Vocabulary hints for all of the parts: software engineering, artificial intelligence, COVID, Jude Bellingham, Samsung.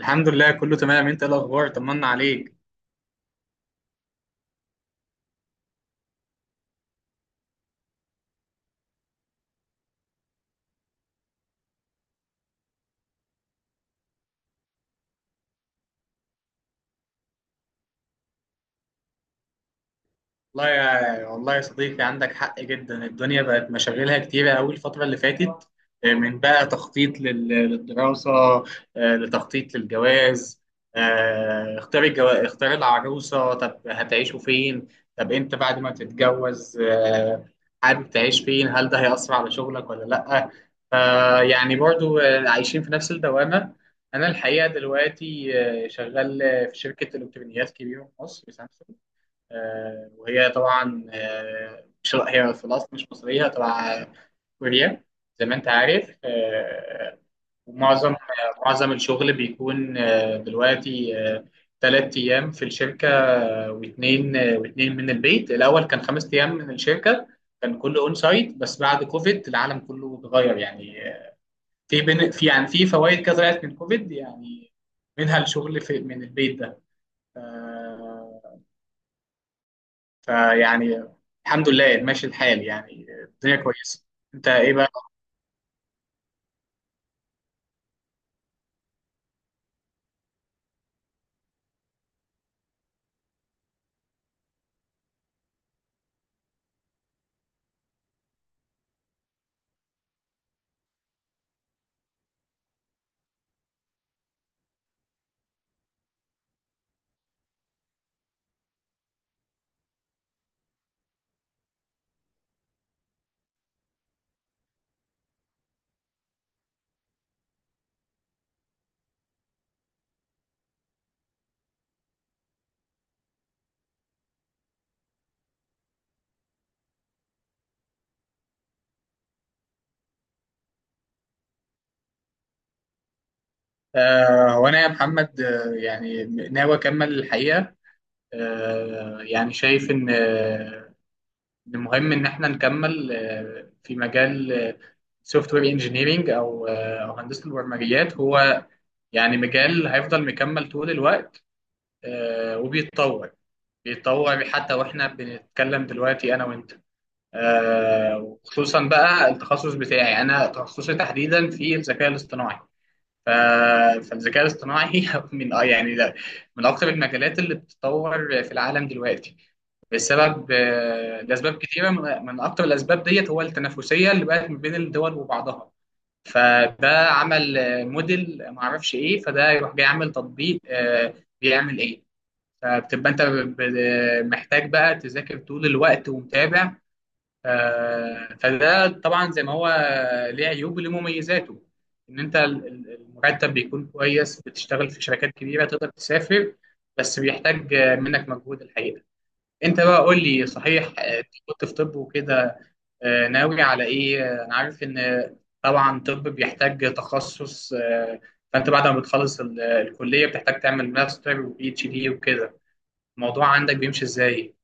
الحمد لله، كله تمام. انت ايه الاخبار؟ طمنا عليك. والله يا صديقي عندك حق جدا. الدنيا بقت مشاغلها كتيرة أوي الفترة اللي فاتت. من بقى تخطيط للدراسة، لتخطيط للجواز، اختار العروسة. طب هتعيشوا فين؟ طب أنت بعد ما تتجوز حابب تعيش فين؟ هل ده هيأثر على شغلك ولا لأ؟ يعني برضو عايشين في نفس الدوامة. أنا الحقيقة دلوقتي شغال في شركة إلكترونيات كبيرة في مصر، سامسونج. آه، وهي طبعا آه، مش هي في الأصل مش مصرية، تبع كوريا، زي ما أنت عارف. ومعظم معظم الشغل بيكون دلوقتي 3 أيام في الشركة واتنين، واتنين من البيت. الأول كان 5 أيام من الشركة، كان كله أون سايت، بس بعد كوفيد العالم كله اتغير يعني. آه، في بن... في يعني في فوائد كده طلعت من كوفيد يعني، منها الشغل في من البيت ده. آه، فيعني الحمد لله ماشي الحال يعني، الدنيا كويسه. انت ايه بقى؟ هو انا يا محمد ناوي اكمل الحقيقه. شايف ان إن مهم ان احنا نكمل آه في مجال سوفت وير انجينيرنج او هندسه البرمجيات. هو يعني مجال هيفضل مكمل طول الوقت آه وبيتطور، بيتطور حتى واحنا بنتكلم دلوقتي انا وانت. وخصوصا بقى التخصص بتاعي، انا تخصصي تحديدا في الذكاء الاصطناعي. ف- فالذكاء الاصطناعي من من اكثر المجالات اللي بتتطور في العالم دلوقتي بسبب لاسباب كتيره. من اكثر الاسباب ديت هو التنافسيه اللي بقت ما بين الدول وبعضها. فده عمل موديل ما اعرفش ايه، فده يروح جاي عامل تطبيق بيعمل ايه. فبتبقى انت محتاج بقى تذاكر طول الوقت ومتابع. فده طبعا زي ما هو ليه عيوب وليه مميزاته. ان انت المرتب بيكون كويس، بتشتغل في شركات كبيره، تقدر تسافر، بس بيحتاج منك مجهود الحقيقه. انت بقى قول لي، صحيح أنت كنت في طب وكده، ناوي على ايه؟ انا عارف ان طبعا طب بيحتاج تخصص. فانت بعد ما بتخلص الكليه، بتحتاج تعمل ماستر وبي اتش دي وكده. الموضوع عندك بيمشي ازاي؟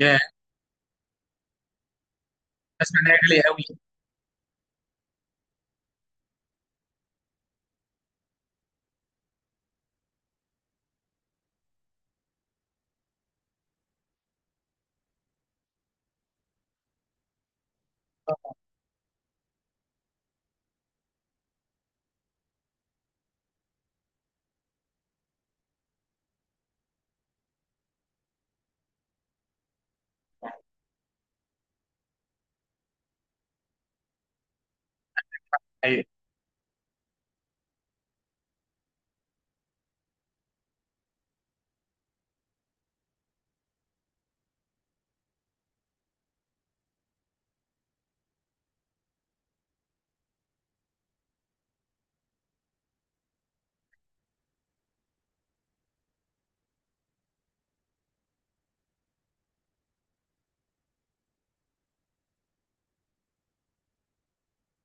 يا، اسمع انها غاليه قوي.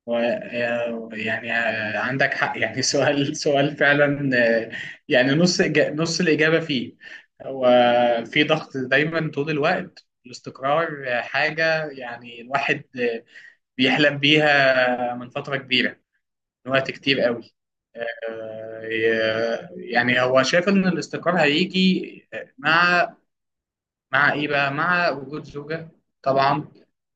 يعني عندك حق يعني، سؤال فعلا يعني نص نص الإجابة فيه. هو في ضغط دايما طول الوقت. الاستقرار حاجة يعني الواحد بيحلم بيها من فترة كبيرة، من وقت كتير قوي. يعني هو شايف إن الاستقرار هيجي مع مع ايه بقى، مع وجود زوجة طبعا،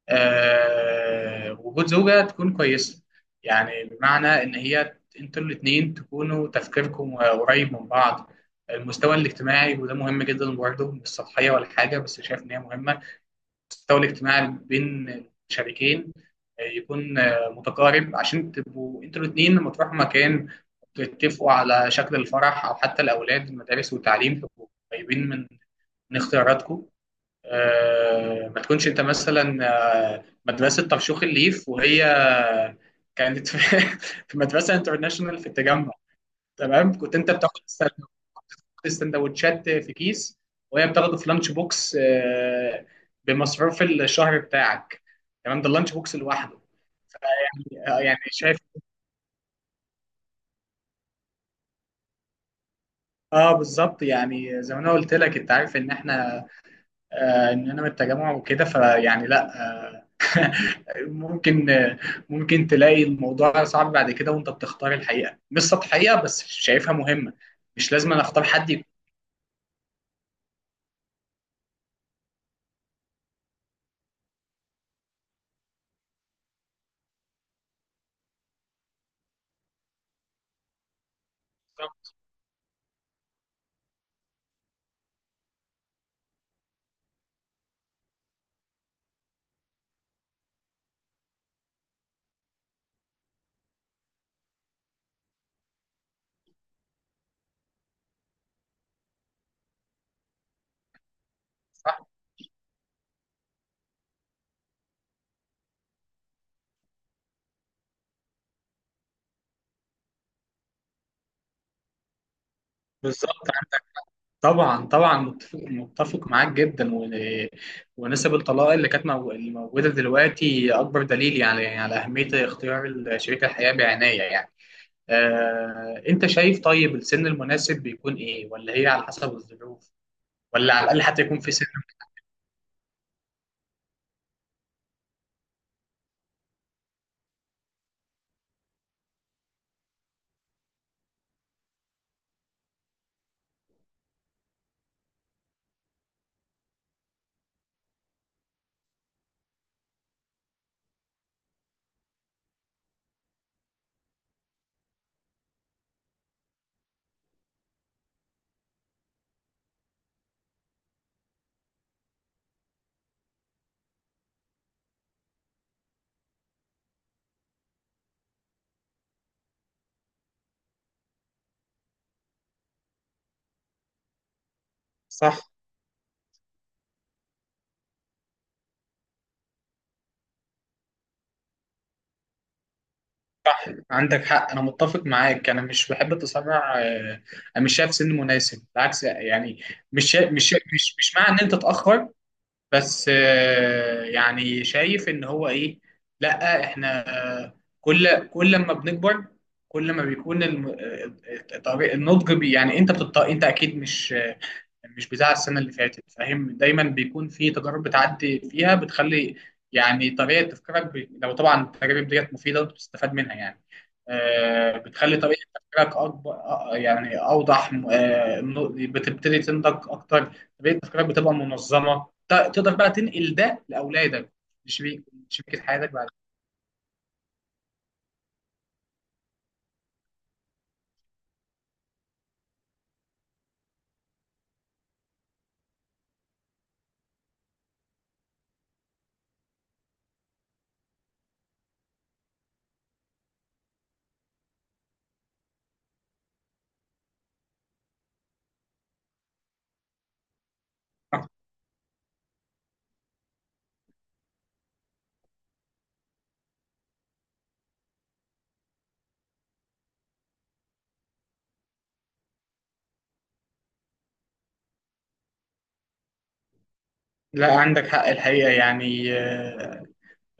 آه وجود زوجة تكون كويسة. يعني بمعنى ان هي انتوا الاتنين تكونوا تفكيركم قريب من بعض. المستوى الاجتماعي وده مهم جدا برضه، مش سطحية ولا حاجة بس شايف ان هي مهمة. المستوى الاجتماعي بين الشريكين يكون متقارب، عشان تبقوا انتوا الاتنين لما تروحوا مكان تتفقوا على شكل الفرح، او حتى الاولاد، المدارس والتعليم، تبقوا قريبين من من اختياراتكم. ما تكونش انت مثلا مدرسة طرشوخ الليف وهي كانت في في مدرسة انترناشونال في التجمع. تمام؟ كنت انت بتاخد السندوتشات في كيس وهي بتاخده في لانش بوكس بمصروف الشهر بتاعك. تمام، ده اللانش بوكس لوحده. يعني يعني شايف. اه بالظبط، يعني زي ما انا قلت لك، انت عارف ان احنا ان انا من التجمع وكده. فيعني لا آه، ممكن آه، ممكن تلاقي الموضوع صعب بعد كده وانت بتختار الحقيقه. مش سطحيه بس شايفها مهمه. مش لازم أنا اختار حد يكون صح. بالظبط، طبعا طبعا، متفق معاك جدا. ونسب الطلاق اللي موجوده دلوقتي اكبر دليل يعني على اهميه اختيار شريك الحياه بعنايه يعني. انت شايف طيب السن المناسب بيكون ايه، ولا هي على حسب الظروف، ولا على الاقل حتى يكون في سن صح؟ عندك حق، انا متفق معاك، انا مش بحب التسرع. انا مش شايف سن مناسب بالعكس يعني. مش شا- مش شا- مش مش مع ان انت تتاخر، بس يعني شايف ان هو ايه، لا احنا كل كل لما بنكبر، كل ما بيكون النضج يعني انت انت اكيد مش بتاع السنة اللي فاتت، فاهم؟ دايما بيكون في تجارب بتعدي فيها بتخلي يعني طريقة تفكيرك لو طبعا التجارب ديت مفيدة وانت بتستفاد منها يعني بتخلي طريقة تفكيرك أكبر، يعني أوضح، بتبتدي تنضج أكتر. طريقة تفكيرك بتبقى منظمة، تقدر بقى تنقل ده لأولادك، لشريك شريكة حياتك بعد كده. لا عندك حق الحقيقة يعني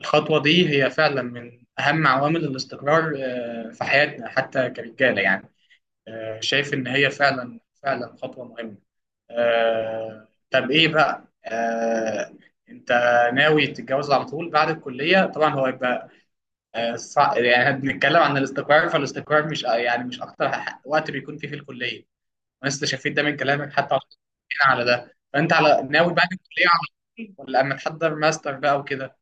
الخطوة دي هي فعلا من أهم عوامل الاستقرار في حياتنا، حتى كرجالة يعني. شايف إن هي فعلا، فعلا خطوة مهمة. طب إيه بقى؟ أنت ناوي تتجوز على طول بعد الكلية؟ طبعا هو يبقى يعني بنتكلم عن الاستقرار، فالاستقرار مش يعني مش أكتر وقت بيكون فيه في الكلية، وأنا استشفيت ده من كلامك حتى على على ده. فأنت على ناوي بعد الكلية على طول، ولا أما تحضر ماستر بقى وكده؟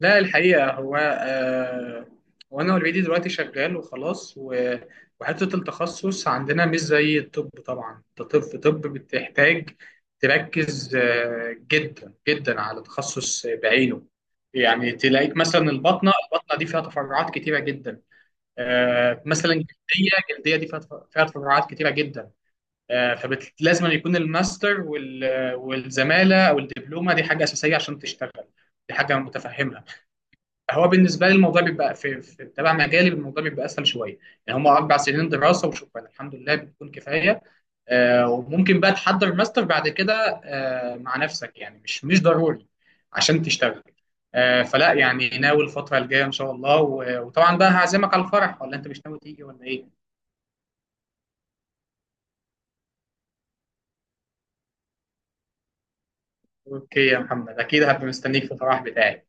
لا الحقيقة هو آه، وأنا أوريدي دلوقتي شغال وخلاص وحتة التخصص عندنا مش زي الطب طبعا. أنت طب بتحتاج تركز آه جدا جدا على تخصص بعينه، يعني تلاقيك مثلا البطنة، البطنة دي فيها تفرعات كتيرة جدا، آه مثلا جلدية، جلدية دي فيها فيها تفرعات كتيرة جدا. آه فلازم يكون الماستر والزمالة أو الدبلومة، دي حاجة أساسية عشان تشتغل، دي حاجة متفهمة. هو بالنسبه لي الموضوع بيبقى في تبع مجالي، الموضوع بيبقى اسهل شويه، يعني هم 4 سنين دراسه وشكرا الحمد لله بتكون كفايه. آه وممكن بقى تحضر ماستر بعد كده آه مع نفسك، يعني مش ضروري عشان تشتغل. فلا يعني ناوي الفتره الجايه ان شاء الله. وطبعا بقى هعزمك على الفرح، ولا انت مش ناوي تيجي ولا ايه؟ اوكي يا محمد، اكيد هبقى مستنيك في الفرح بتاعي.